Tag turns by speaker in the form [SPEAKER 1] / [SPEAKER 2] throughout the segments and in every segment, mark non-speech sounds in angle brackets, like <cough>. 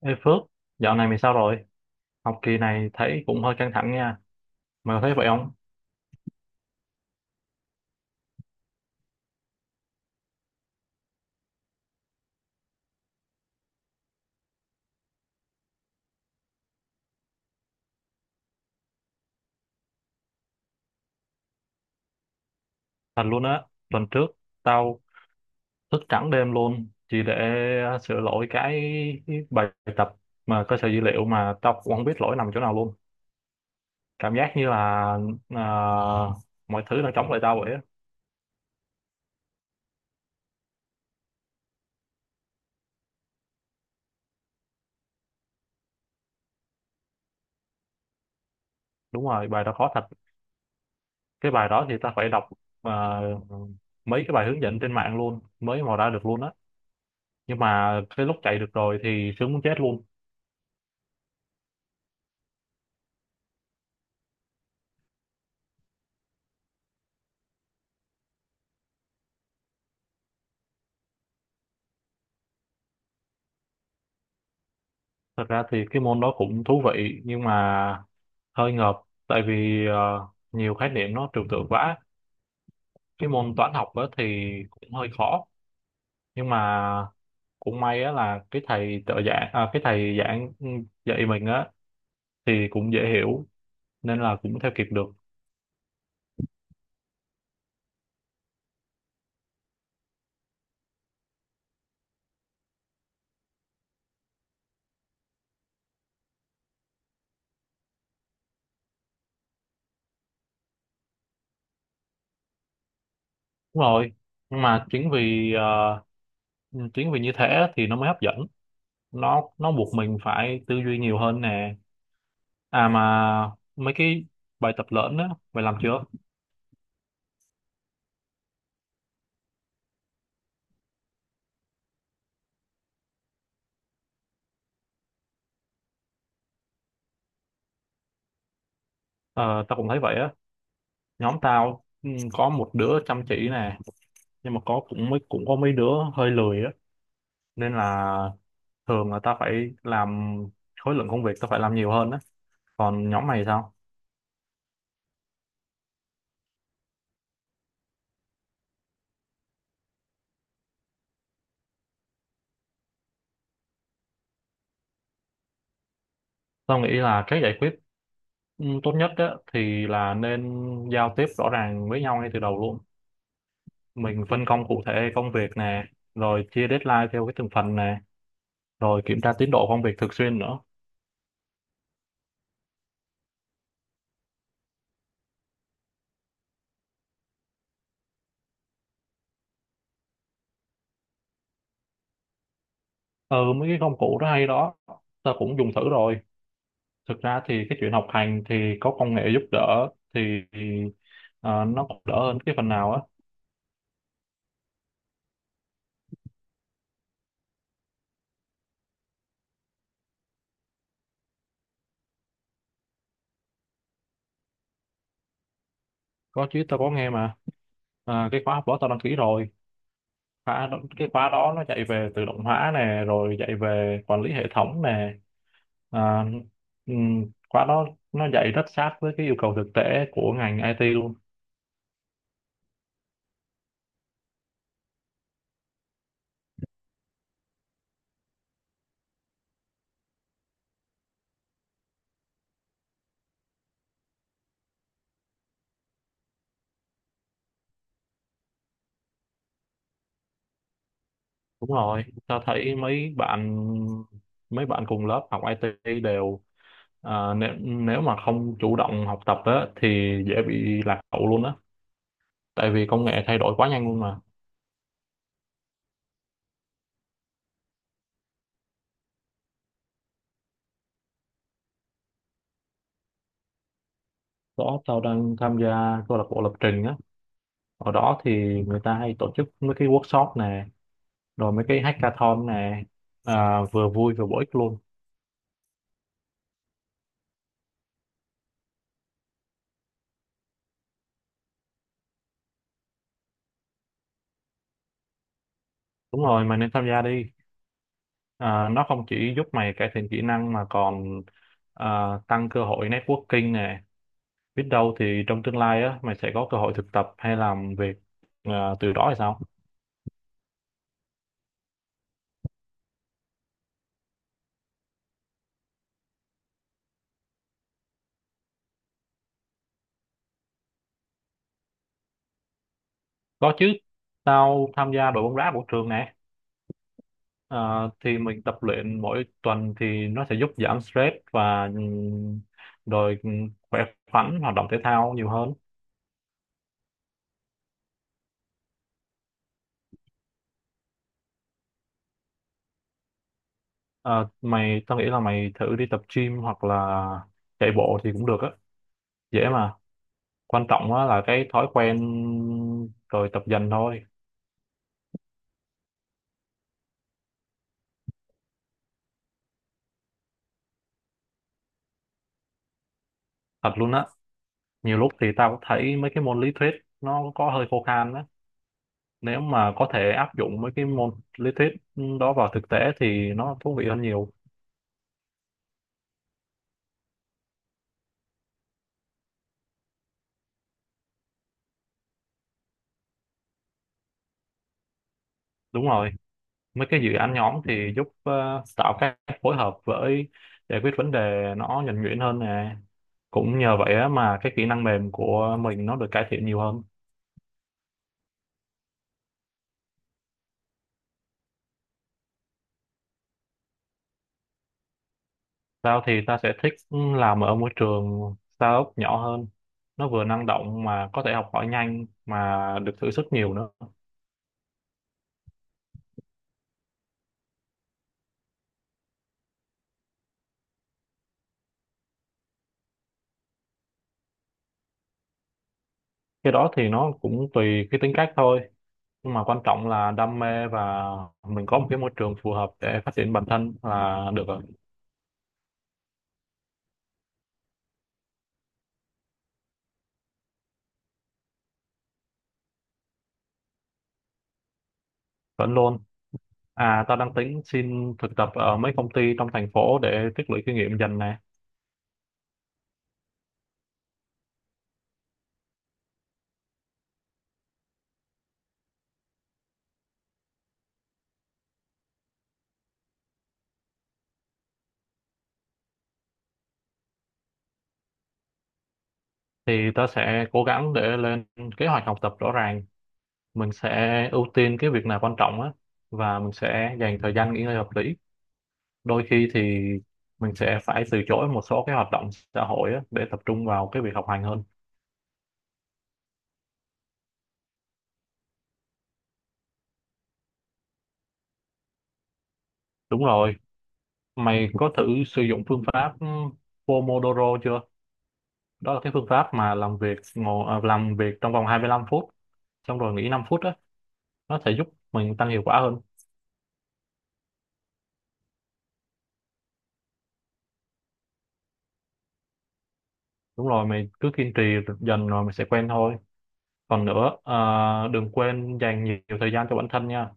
[SPEAKER 1] Ê Phước, dạo này mày sao rồi? Học kỳ này thấy cũng hơi căng thẳng nha. Mày có thấy vậy không? Thật luôn á, tuần trước tao thức trắng đêm luôn chỉ để sửa lỗi cái bài tập mà cơ sở dữ liệu mà tao cũng không biết lỗi nằm chỗ nào luôn. Cảm giác như là à, mọi thứ đang chống lại tao vậy á. Đúng rồi, bài đó khó thật. Cái bài đó thì tao phải đọc à, mấy cái bài hướng dẫn trên mạng luôn mới mò ra được luôn á. Nhưng mà cái lúc chạy được rồi thì sướng muốn chết luôn. Thật ra thì cái môn đó cũng thú vị nhưng mà hơi ngợp tại vì nhiều khái niệm nó trừu tượng quá. Cái môn toán học á thì cũng hơi khó nhưng mà cũng may á là cái thầy trợ giảng cái thầy giảng dạy mình á thì cũng dễ hiểu nên là cũng theo kịp được. Đúng rồi. Nhưng mà chính vì chính vì như thế á, thì nó mới hấp dẫn. Nó buộc mình phải tư duy nhiều hơn nè. À mà mấy cái bài tập lớn á mày làm chưa? Ờ, tao cũng thấy vậy á. Nhóm tao có một đứa chăm chỉ nè nhưng mà có mấy đứa hơi lười á, nên là thường là tao phải làm, khối lượng công việc tao phải làm nhiều hơn á. Còn nhóm mày sao? Tao nghĩ là cái giải quyết tốt nhất á thì là nên giao tiếp rõ ràng với nhau ngay từ đầu luôn, mình phân công cụ thể công việc nè, rồi chia deadline theo cái từng phần nè, rồi kiểm tra tiến độ công việc thường xuyên nữa. Ừ, mấy cái công cụ đó hay đó, tao cũng dùng thử rồi. Thực ra thì cái chuyện học hành thì có công nghệ giúp đỡ thì ờ, nó cũng đỡ hơn cái phần nào á. Có chứ, tao có nghe mà. À, cái khóa học đó tao đăng ký rồi. Cái khóa đó nó dạy về tự động hóa nè, rồi dạy về quản lý hệ thống nè, à, khóa đó nó dạy rất sát với cái yêu cầu thực tế của ngành IT luôn. Đúng rồi, tao thấy mấy bạn cùng lớp học IT đều nếu mà không chủ động học tập á, thì dễ bị lạc hậu luôn á, tại vì công nghệ thay đổi quá nhanh luôn mà. Đó, tao đang tham gia câu lạc bộ lập trình á, ở đó thì người ta hay tổ chức mấy cái workshop nè, rồi mấy cái hackathon nè, vừa vui vừa bổ ích luôn. Đúng rồi, mày nên tham gia đi, nó không chỉ giúp mày cải thiện kỹ năng mà còn, tăng cơ hội networking nè, biết đâu thì trong tương lai á mày sẽ có cơ hội thực tập hay làm việc từ đó hay sao. Có chứ, tao tham gia đội bóng đá của trường nè. À, thì mình tập luyện mỗi tuần thì nó sẽ giúp giảm stress và rồi khỏe khoắn, hoạt động thể thao nhiều hơn. À, tao nghĩ là mày thử đi tập gym hoặc là chạy bộ thì cũng được á, dễ mà. Quan trọng á là cái thói quen rồi tập dần thôi. Thật luôn á, nhiều lúc thì tao cũng thấy mấy cái môn lý thuyết nó có hơi khô khan á. Nếu mà có thể áp dụng mấy cái môn lý thuyết đó vào thực tế thì nó thú vị hơn nhiều. Đúng rồi. Mấy cái dự án nhóm thì giúp tạo cách phối hợp với giải quyết vấn đề nó nhuần nhuyễn hơn nè, cũng nhờ vậy á mà cái kỹ năng mềm của mình nó được cải thiện nhiều hơn. Tao thì ta sẽ thích làm ở môi trường startup nhỏ hơn, nó vừa năng động mà có thể học hỏi nhanh mà được thử sức nhiều nữa. Cái đó thì nó cũng tùy cái tính cách thôi, nhưng mà quan trọng là đam mê và mình có một cái môi trường phù hợp để phát triển bản thân là được rồi. Vẫn luôn. À, tao đang tính xin thực tập ở mấy công ty trong thành phố để tích lũy kinh nghiệm dần nè. Thì tao sẽ cố gắng để lên kế hoạch học tập rõ ràng. Mình sẽ ưu tiên cái việc nào quan trọng á, và mình sẽ dành thời gian nghỉ ngơi hợp lý. Đôi khi thì mình sẽ phải từ chối một số cái hoạt động xã hội á để tập trung vào cái việc học hành hơn. Đúng rồi. Mày có thử sử dụng phương pháp Pomodoro chưa? Đó là cái phương pháp mà làm việc làm việc trong vòng 25 phút xong rồi nghỉ 5 phút á, nó sẽ giúp mình tăng hiệu quả hơn. Đúng rồi, mày cứ kiên trì dần rồi mày sẽ quen thôi. Còn nữa đừng quên dành nhiều, thời gian cho bản thân nha,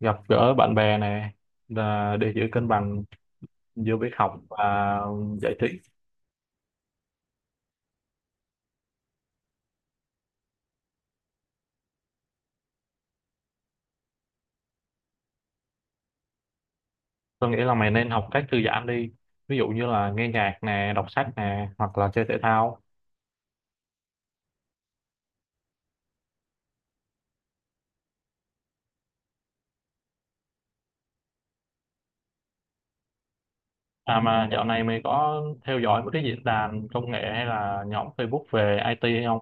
[SPEAKER 1] gặp gỡ bạn bè này, là để giữ cân bằng giữa việc học và giải trí. Tôi nghĩ là mày nên học cách thư giãn đi, ví dụ như là nghe nhạc nè, đọc sách nè, hoặc là chơi thể thao. À mà dạo này mày có theo dõi mấy cái diễn đàn công nghệ hay là nhóm Facebook về IT hay không?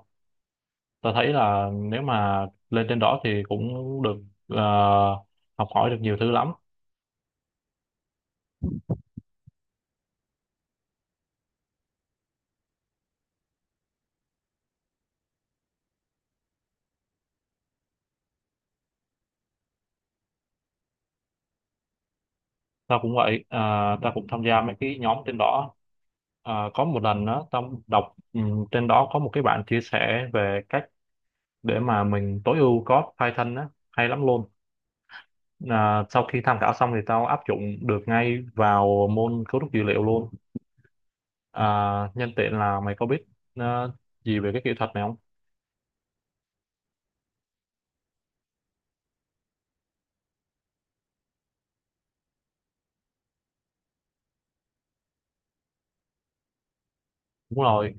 [SPEAKER 1] Tôi thấy là nếu mà lên trên đó thì cũng được ờ, học hỏi được nhiều thứ lắm. Tao cũng vậy à, tao cũng tham gia mấy cái nhóm trên đó. Có một lần đó tao đọc trên đó có một cái bạn chia sẻ về cách để mà mình tối ưu code Python á, hay lắm luôn. Sau khi tham khảo xong thì tao áp dụng được ngay vào môn cấu trúc dữ liệu luôn. à, Nhân tiện là mày có biết ờ, gì về cái kỹ thuật này không? Đúng rồi,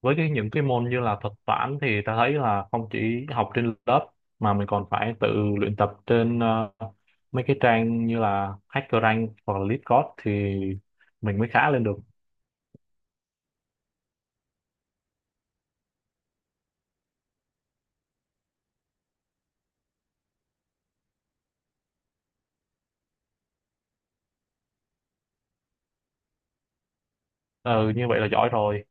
[SPEAKER 1] với cái những cái môn như là thuật toán thì ta thấy là không chỉ học trên lớp mà mình còn phải tự luyện tập trên mấy cái trang như là HackerRank hoặc là LeetCode thì mình mới khá lên được. Ừ, như vậy là giỏi rồi.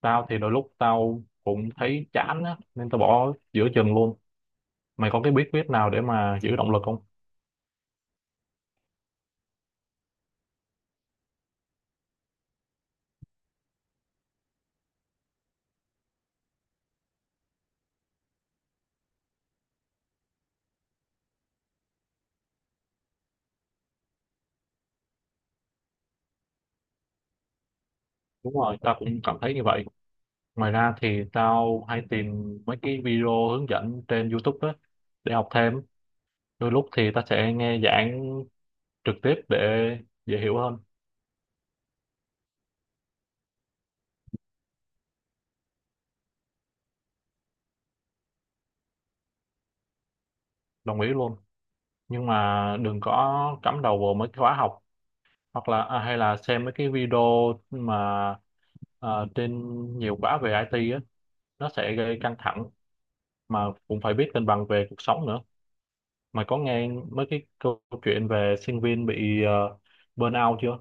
[SPEAKER 1] Tao thì đôi lúc tao cũng thấy chán á, nên tao bỏ giữa chừng luôn. Mày có cái bí quyết nào để mà giữ động lực không? Đúng rồi, tao cũng cảm thấy như vậy. Ngoài ra thì tao hay tìm mấy cái video hướng dẫn trên YouTube á để học thêm, đôi lúc thì ta sẽ nghe giảng trực tiếp để dễ hiểu hơn. Đồng ý luôn, nhưng mà đừng có cắm đầu vào mấy cái khóa học hoặc là hay là xem mấy cái video mà à, trên nhiều khóa về IT á, nó sẽ gây căng thẳng, mà cũng phải biết cân bằng về cuộc sống nữa. Mà có nghe mấy cái câu chuyện về sinh viên bị burnout chưa?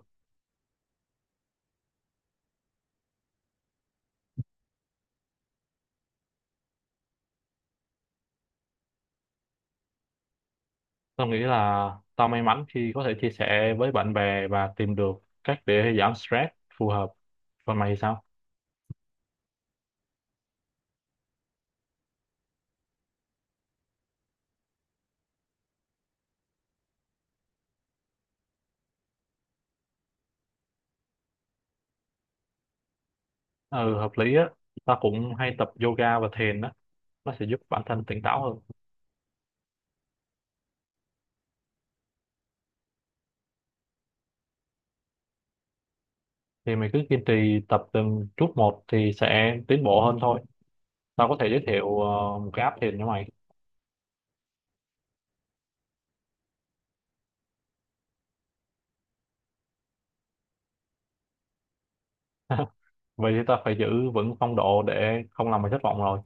[SPEAKER 1] Tao nghĩ là tao may mắn khi có thể chia sẻ với bạn bè và tìm được cách để giảm stress phù hợp. Còn mày thì sao? Ừ, hợp lý á. Ta cũng hay tập yoga và thiền á, nó sẽ giúp bản thân tỉnh táo hơn. Thì mày cứ kiên trì tập từng chút một thì sẽ tiến bộ hơn thôi. Tao có thể giới thiệu một cái app thiền cho mày. <laughs> Vậy thì ta phải giữ vững phong độ để không làm mày thất vọng rồi.